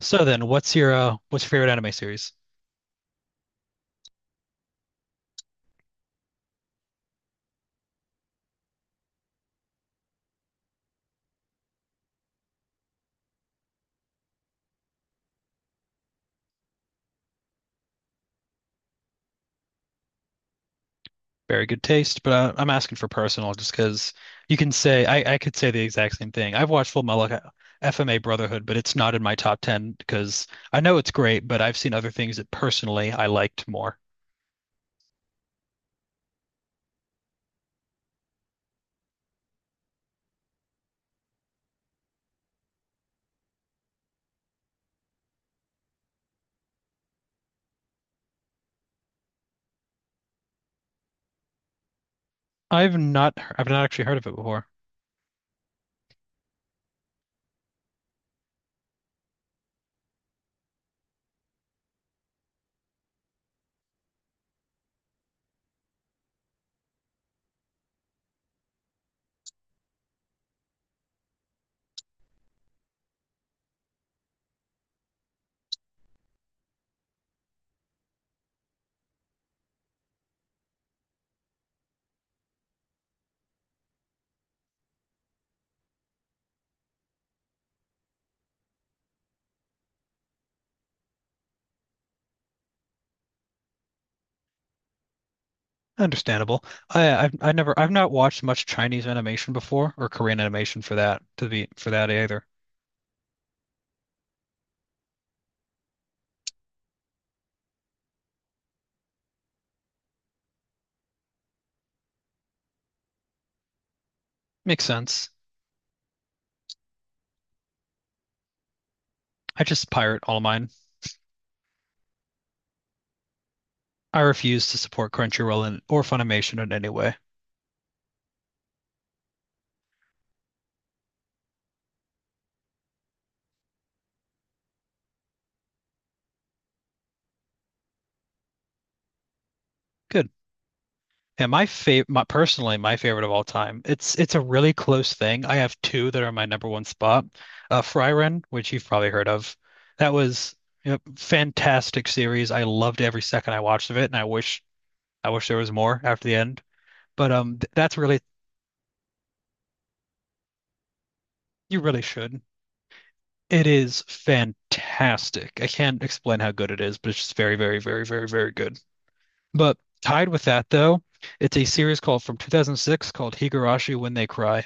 So then, what's your favorite anime series? Very good taste, but I'm asking for personal just because you can say I could say the exact same thing. I've watched Full Metal FMA Brotherhood, but it's not in my top 10 because I know it's great, but I've seen other things that personally I liked more. I've not actually heard of it before. Understandable. I I've, I never I've not watched much Chinese animation before or Korean animation for that either. Makes sense. I just pirate all mine. I refuse to support Crunchyroll in, or Funimation in any way. Good. And my personally my favorite of all time. It's a really close thing. I have two that are my number one spot. Frieren, which you've probably heard of. That was a fantastic series. I loved every second I watched of it, and I wish there was more after the end. But that's really. You really should. It is fantastic. I can't explain how good it is, but it's just very, very, very, very, very good. But tied with that, though, it's a series called from 2006 called Higurashi When They Cry.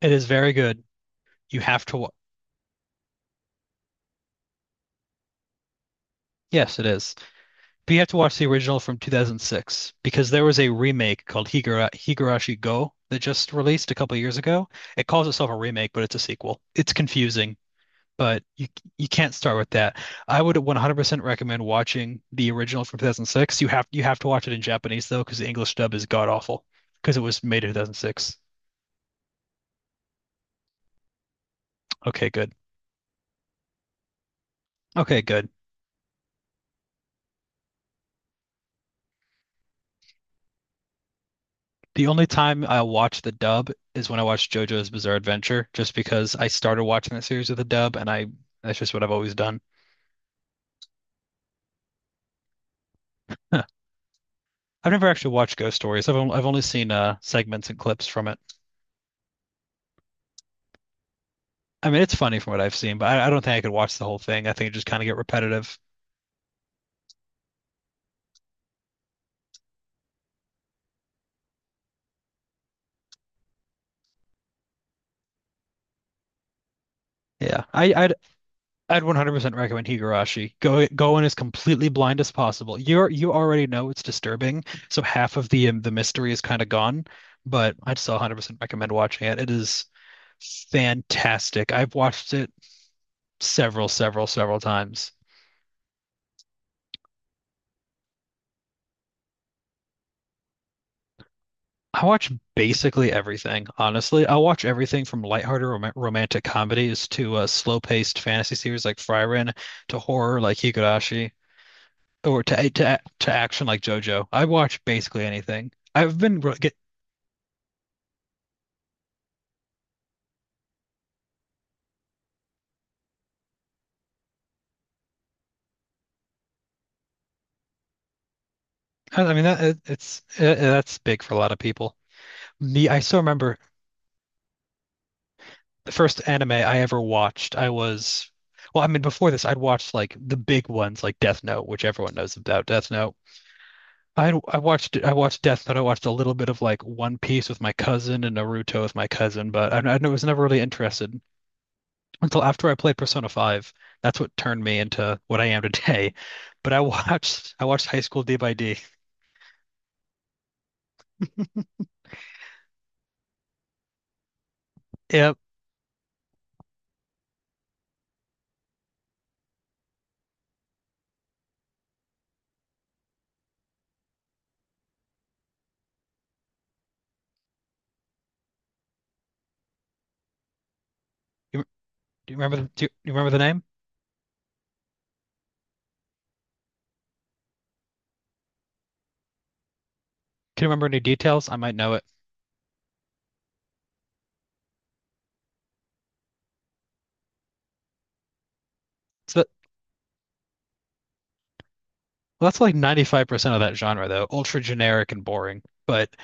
It is very good. You have to watch. Yes, it is. But you have to watch the original from 2006 because there was a remake called Higurashi Go that just released a couple years ago. It calls itself a remake, but it's a sequel. It's confusing. But you can't start with that. I would 100% recommend watching the original from 2006. You have to watch it in Japanese though, because the English dub is god awful because it was made in 2006. Okay, good. Okay, good. The only time I watch the dub is when I watch JoJo's Bizarre Adventure, just because I started watching that series with the dub, and I that's just what I've always done. Huh. I've never actually watched Ghost Stories. I've only seen segments and clips from it. I mean, it's funny from what I've seen, but I don't think I could watch the whole thing. I think it just kind of get repetitive. Yeah, I, I I'd 100% recommend Higurashi. Go in as completely blind as possible. You already know it's disturbing, so half of the mystery is kind of gone, but I'd still 100% recommend watching it. It is fantastic. I've watched it several, several, several times. I watch basically everything, honestly. I'll watch everything from lighthearted romantic comedies to slow-paced fantasy series like Frieren to horror like Higurashi or to action like JoJo. I watch basically anything. I mean that it, it's that's big for a lot of people. Me, I still remember the first anime I ever watched. I mean before this, I'd watched like the big ones like Death Note, which everyone knows about Death Note. I watched Death Note. I watched a little bit of like One Piece with my cousin and Naruto with my cousin, but I was never really interested until after I played Persona 5. That's what turned me into what I am today. But I watched I watched High School D by D. Yep. You, do you remember you remember the name? Can you remember any details? I might know it. So that, well, that's like 95% of that genre, though. Ultra generic and boring, but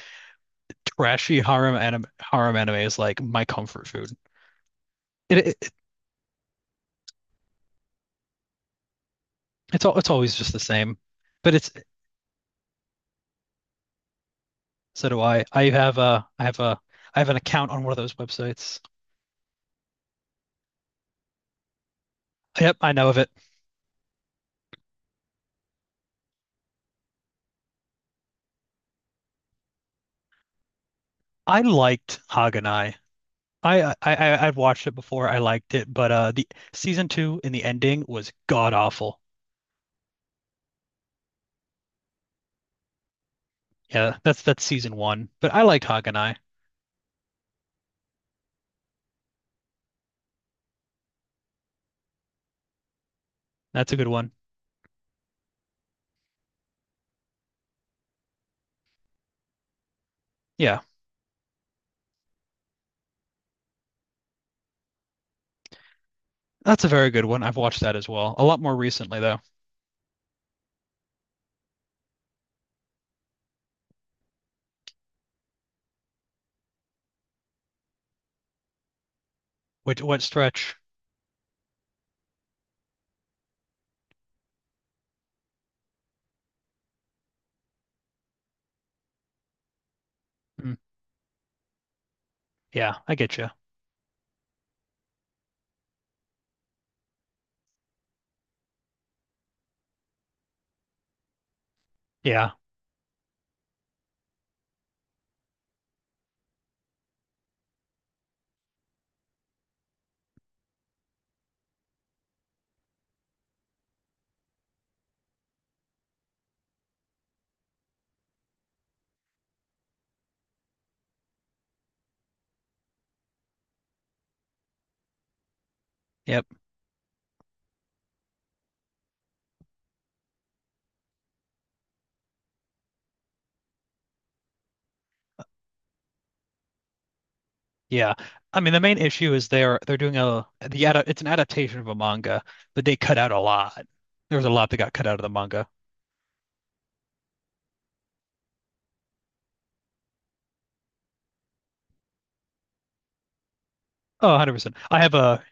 harem anime is like my comfort food. It, it it it's all it's always just the same, but it's. So do I. I have a I have an account on one of those websites. Yep, I know of it. I liked Haganai. I've watched it before. I liked it, but the season two in the ending was god awful. That's season one. But I liked Haganai. That's a good one. Yeah. That's a very good one. I've watched that as well. A lot more recently though. Which what stretch? Hmm. Yeah, I get you. Yeah. Yep. Yeah. I mean, the main issue is they're doing it's an adaptation of a manga, but they cut out a lot. There was a lot that got cut out of the manga. Oh, 100%.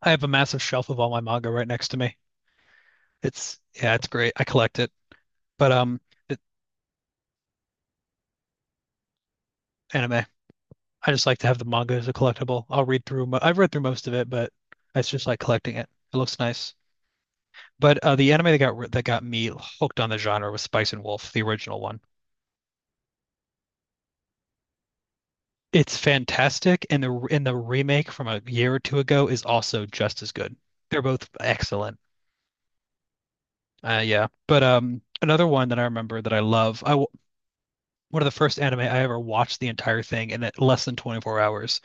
I have a massive shelf of all my manga right next to me. It's yeah, it's great. I collect it. But it, anime. I just like to have the manga as a collectible. I'll I've read through most of it, but it's just like collecting it. It looks nice. But the anime that got me hooked on the genre was Spice and Wolf, the original one. It's fantastic, and the remake from a year or two ago is also just as good. They're both excellent. Yeah, but another one that I remember that I love, one of the first anime I ever watched the entire thing in less than 24 hours.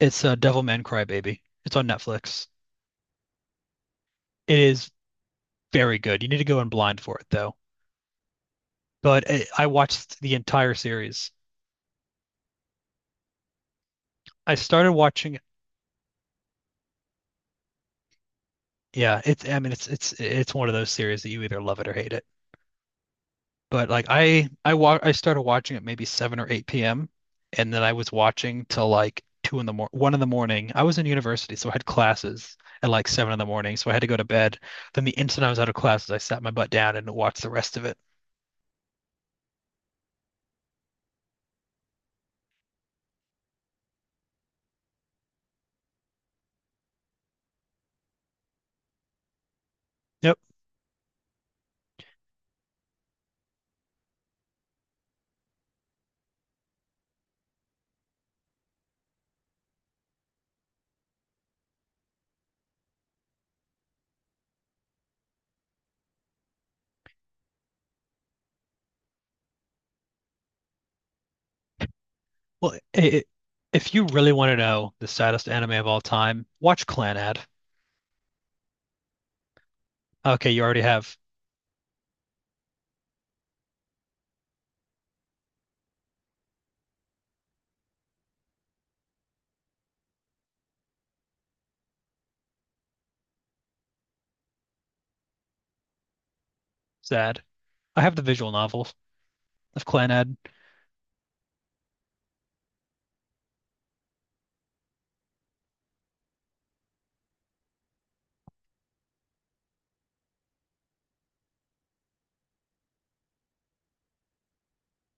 It's Devilman Crybaby. It's on Netflix. It is very good. You need to go in blind for it though. I watched the entire series. I started watching. Yeah, it's I mean it's one of those series that you either love it or hate it. But like I started watching it maybe 7 or 8 p.m. and then I was watching till like 2 in the mor 1 in the morning. I was in university, so I had classes at like 7 in the morning, so I had to go to bed. Then the instant I was out of classes, I sat my butt down and watched the rest of it. Yep. Well, I if you really want to know the saddest anime of all time, watch Clanad. Okay, you already have sad. I have the visual novel of Clanad.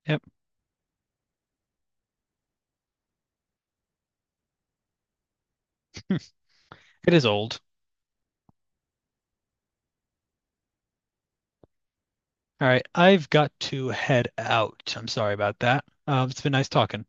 Yep. It is old. All right, I've got to head out. I'm sorry about that. It's been nice talking.